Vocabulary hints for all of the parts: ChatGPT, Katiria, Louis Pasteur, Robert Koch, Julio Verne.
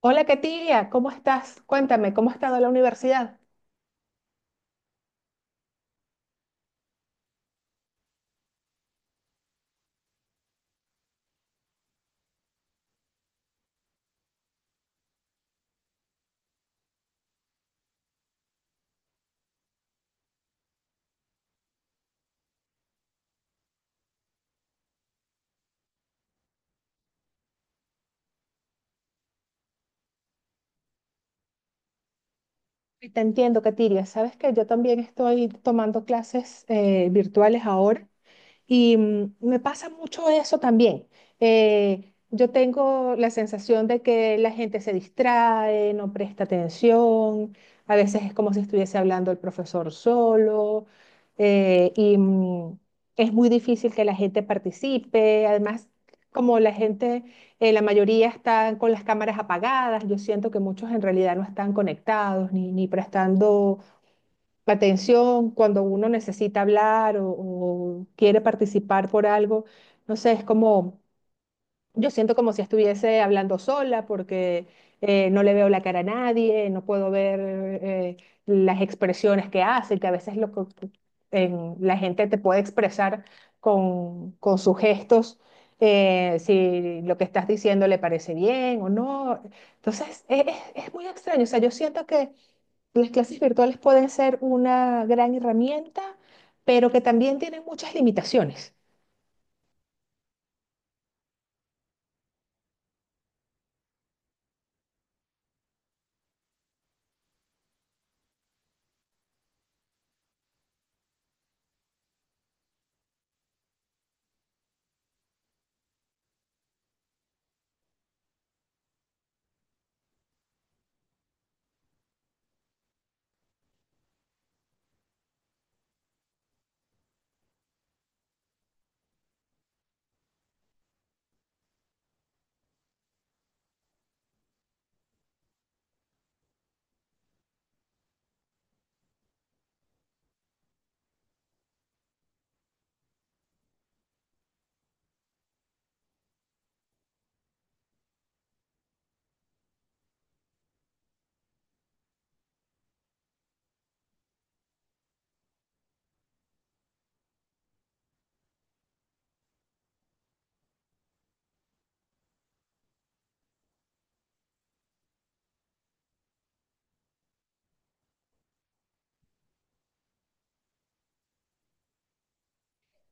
Hola, Katiria, ¿cómo estás? Cuéntame, ¿cómo ha estado la universidad? Te entiendo, Katiria. Sabes que yo también estoy tomando clases virtuales ahora. Y me pasa mucho eso también. Yo tengo la sensación de que la gente se distrae, no presta atención, a veces es como si estuviese hablando el profesor solo, eh, y mm, es muy difícil que la gente participe. Además, como la gente, la mayoría están con las cámaras apagadas, yo siento que muchos en realidad no están conectados ni prestando la atención cuando uno necesita hablar o quiere participar por algo. No sé, es como, yo siento como si estuviese hablando sola porque no le veo la cara a nadie, no puedo ver las expresiones que hace, que a veces la gente te puede expresar con sus gestos. Si lo que estás diciendo le parece bien o no. Entonces, es muy extraño. O sea, yo siento que las clases virtuales pueden ser una gran herramienta, pero que también tienen muchas limitaciones.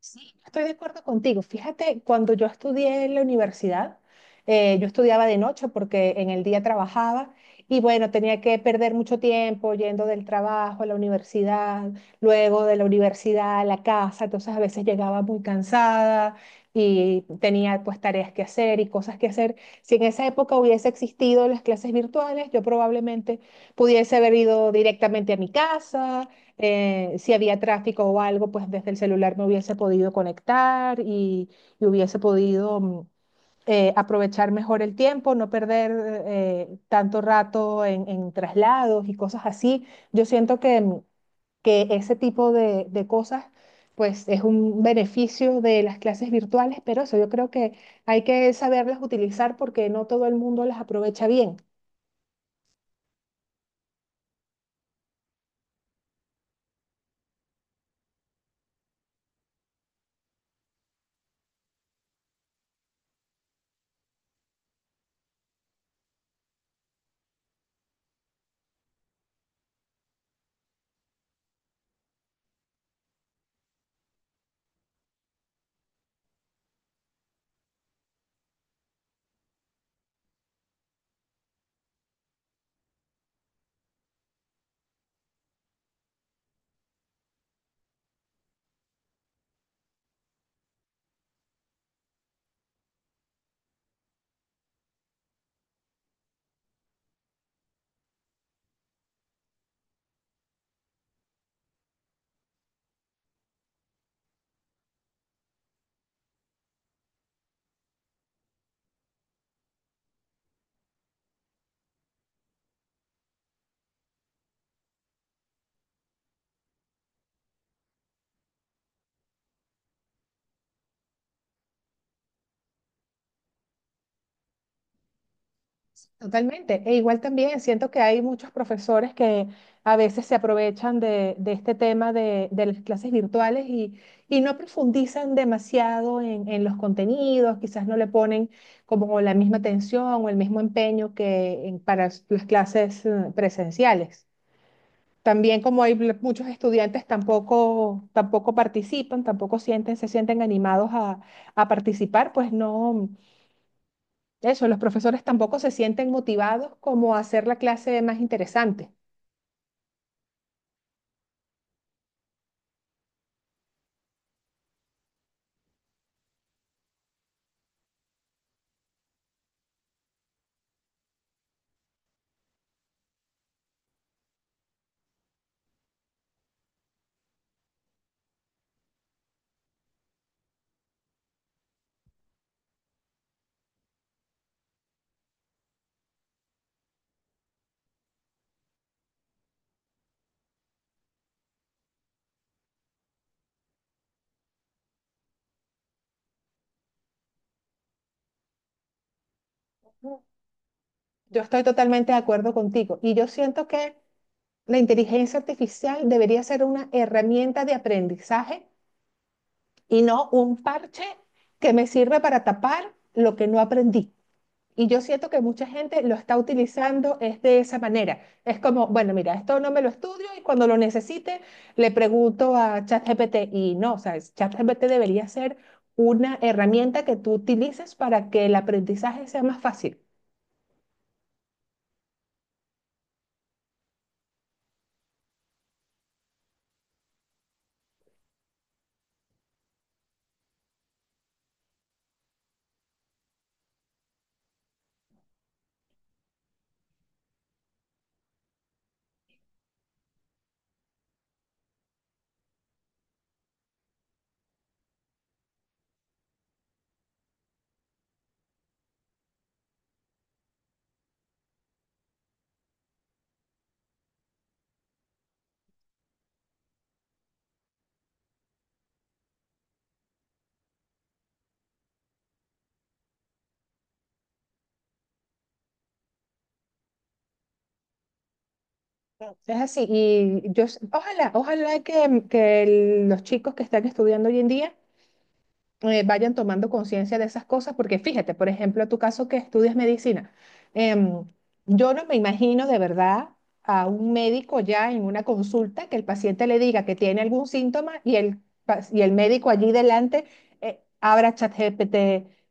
Sí, yo estoy de acuerdo contigo. Fíjate, cuando yo estudié en la universidad, yo estudiaba de noche porque en el día trabajaba y bueno, tenía que perder mucho tiempo yendo del trabajo a la universidad, luego de la universidad a la casa, entonces a veces llegaba muy cansada y tenía pues tareas que hacer y cosas que hacer. Si en esa época hubiese existido las clases virtuales, yo probablemente pudiese haber ido directamente a mi casa, si había tráfico o algo, pues desde el celular me hubiese podido conectar y hubiese podido aprovechar mejor el tiempo, no perder tanto rato en traslados y cosas así. Yo siento que, que ese tipo de cosas, pues es un beneficio de las clases virtuales, pero eso yo creo que hay que saberlas utilizar porque no todo el mundo las aprovecha bien. Totalmente. E igual también siento que hay muchos profesores que a veces se aprovechan de este tema de las clases virtuales y no profundizan demasiado en los contenidos, quizás no le ponen como la misma atención o el mismo empeño que para las clases presenciales. También como muchos estudiantes tampoco participan, tampoco sienten, se sienten animados a participar, pues no. Eso, los profesores tampoco se sienten motivados como a hacer la clase más interesante. Yo estoy totalmente de acuerdo contigo y yo siento que la inteligencia artificial debería ser una herramienta de aprendizaje y no un parche que me sirve para tapar lo que no aprendí. Y yo siento que mucha gente lo está utilizando es de esa manera. Es como, bueno, mira, esto no me lo estudio y cuando lo necesite le pregunto a ChatGPT. Y no, o sea, ChatGPT debería ser una herramienta que tú utilices para que el aprendizaje sea más fácil. Es así. Y yo, ojalá, ojalá que, que los chicos que están estudiando hoy en día vayan tomando conciencia de esas cosas, porque fíjate, por ejemplo, tu caso que estudias medicina, em, yo no me imagino de verdad a un médico ya en una consulta que el paciente le diga que tiene algún síntoma y y el médico allí delante abra ChatGPT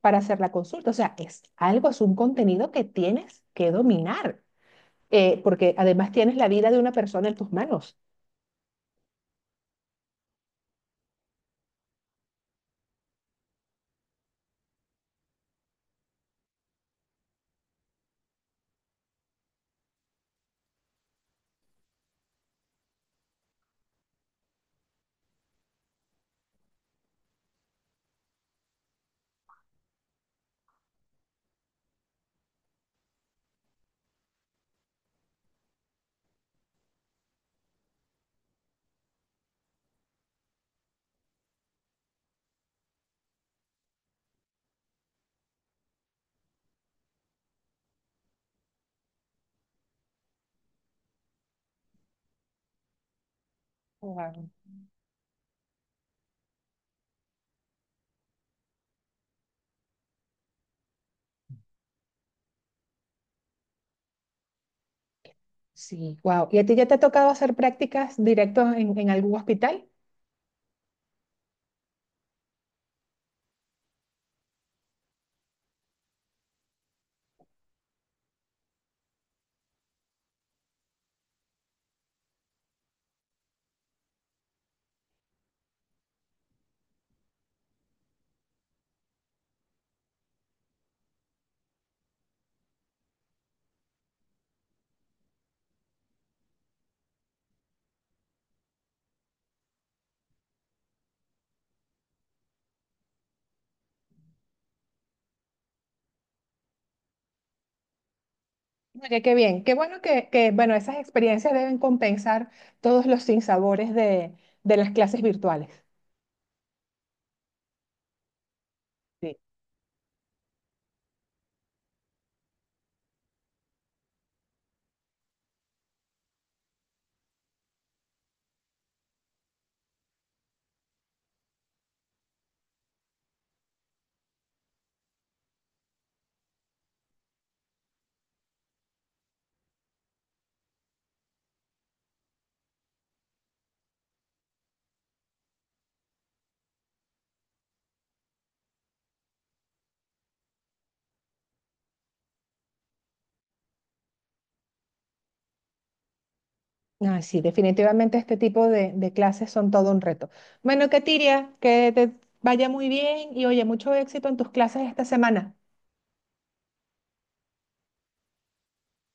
para hacer la consulta. O sea, es algo, es un contenido que tienes que dominar, porque además tienes la vida de una persona en tus manos. Wow. Sí, wow. ¿Y a ti ya te ha tocado hacer prácticas directas en algún hospital? Oye, qué bien, qué bueno que, bueno, esas experiencias deben compensar todos los sinsabores de las clases virtuales. Sí. Ay, sí, definitivamente este tipo de clases son todo un reto. Bueno, Katiria, que te vaya muy bien y oye, mucho éxito en tus clases esta semana.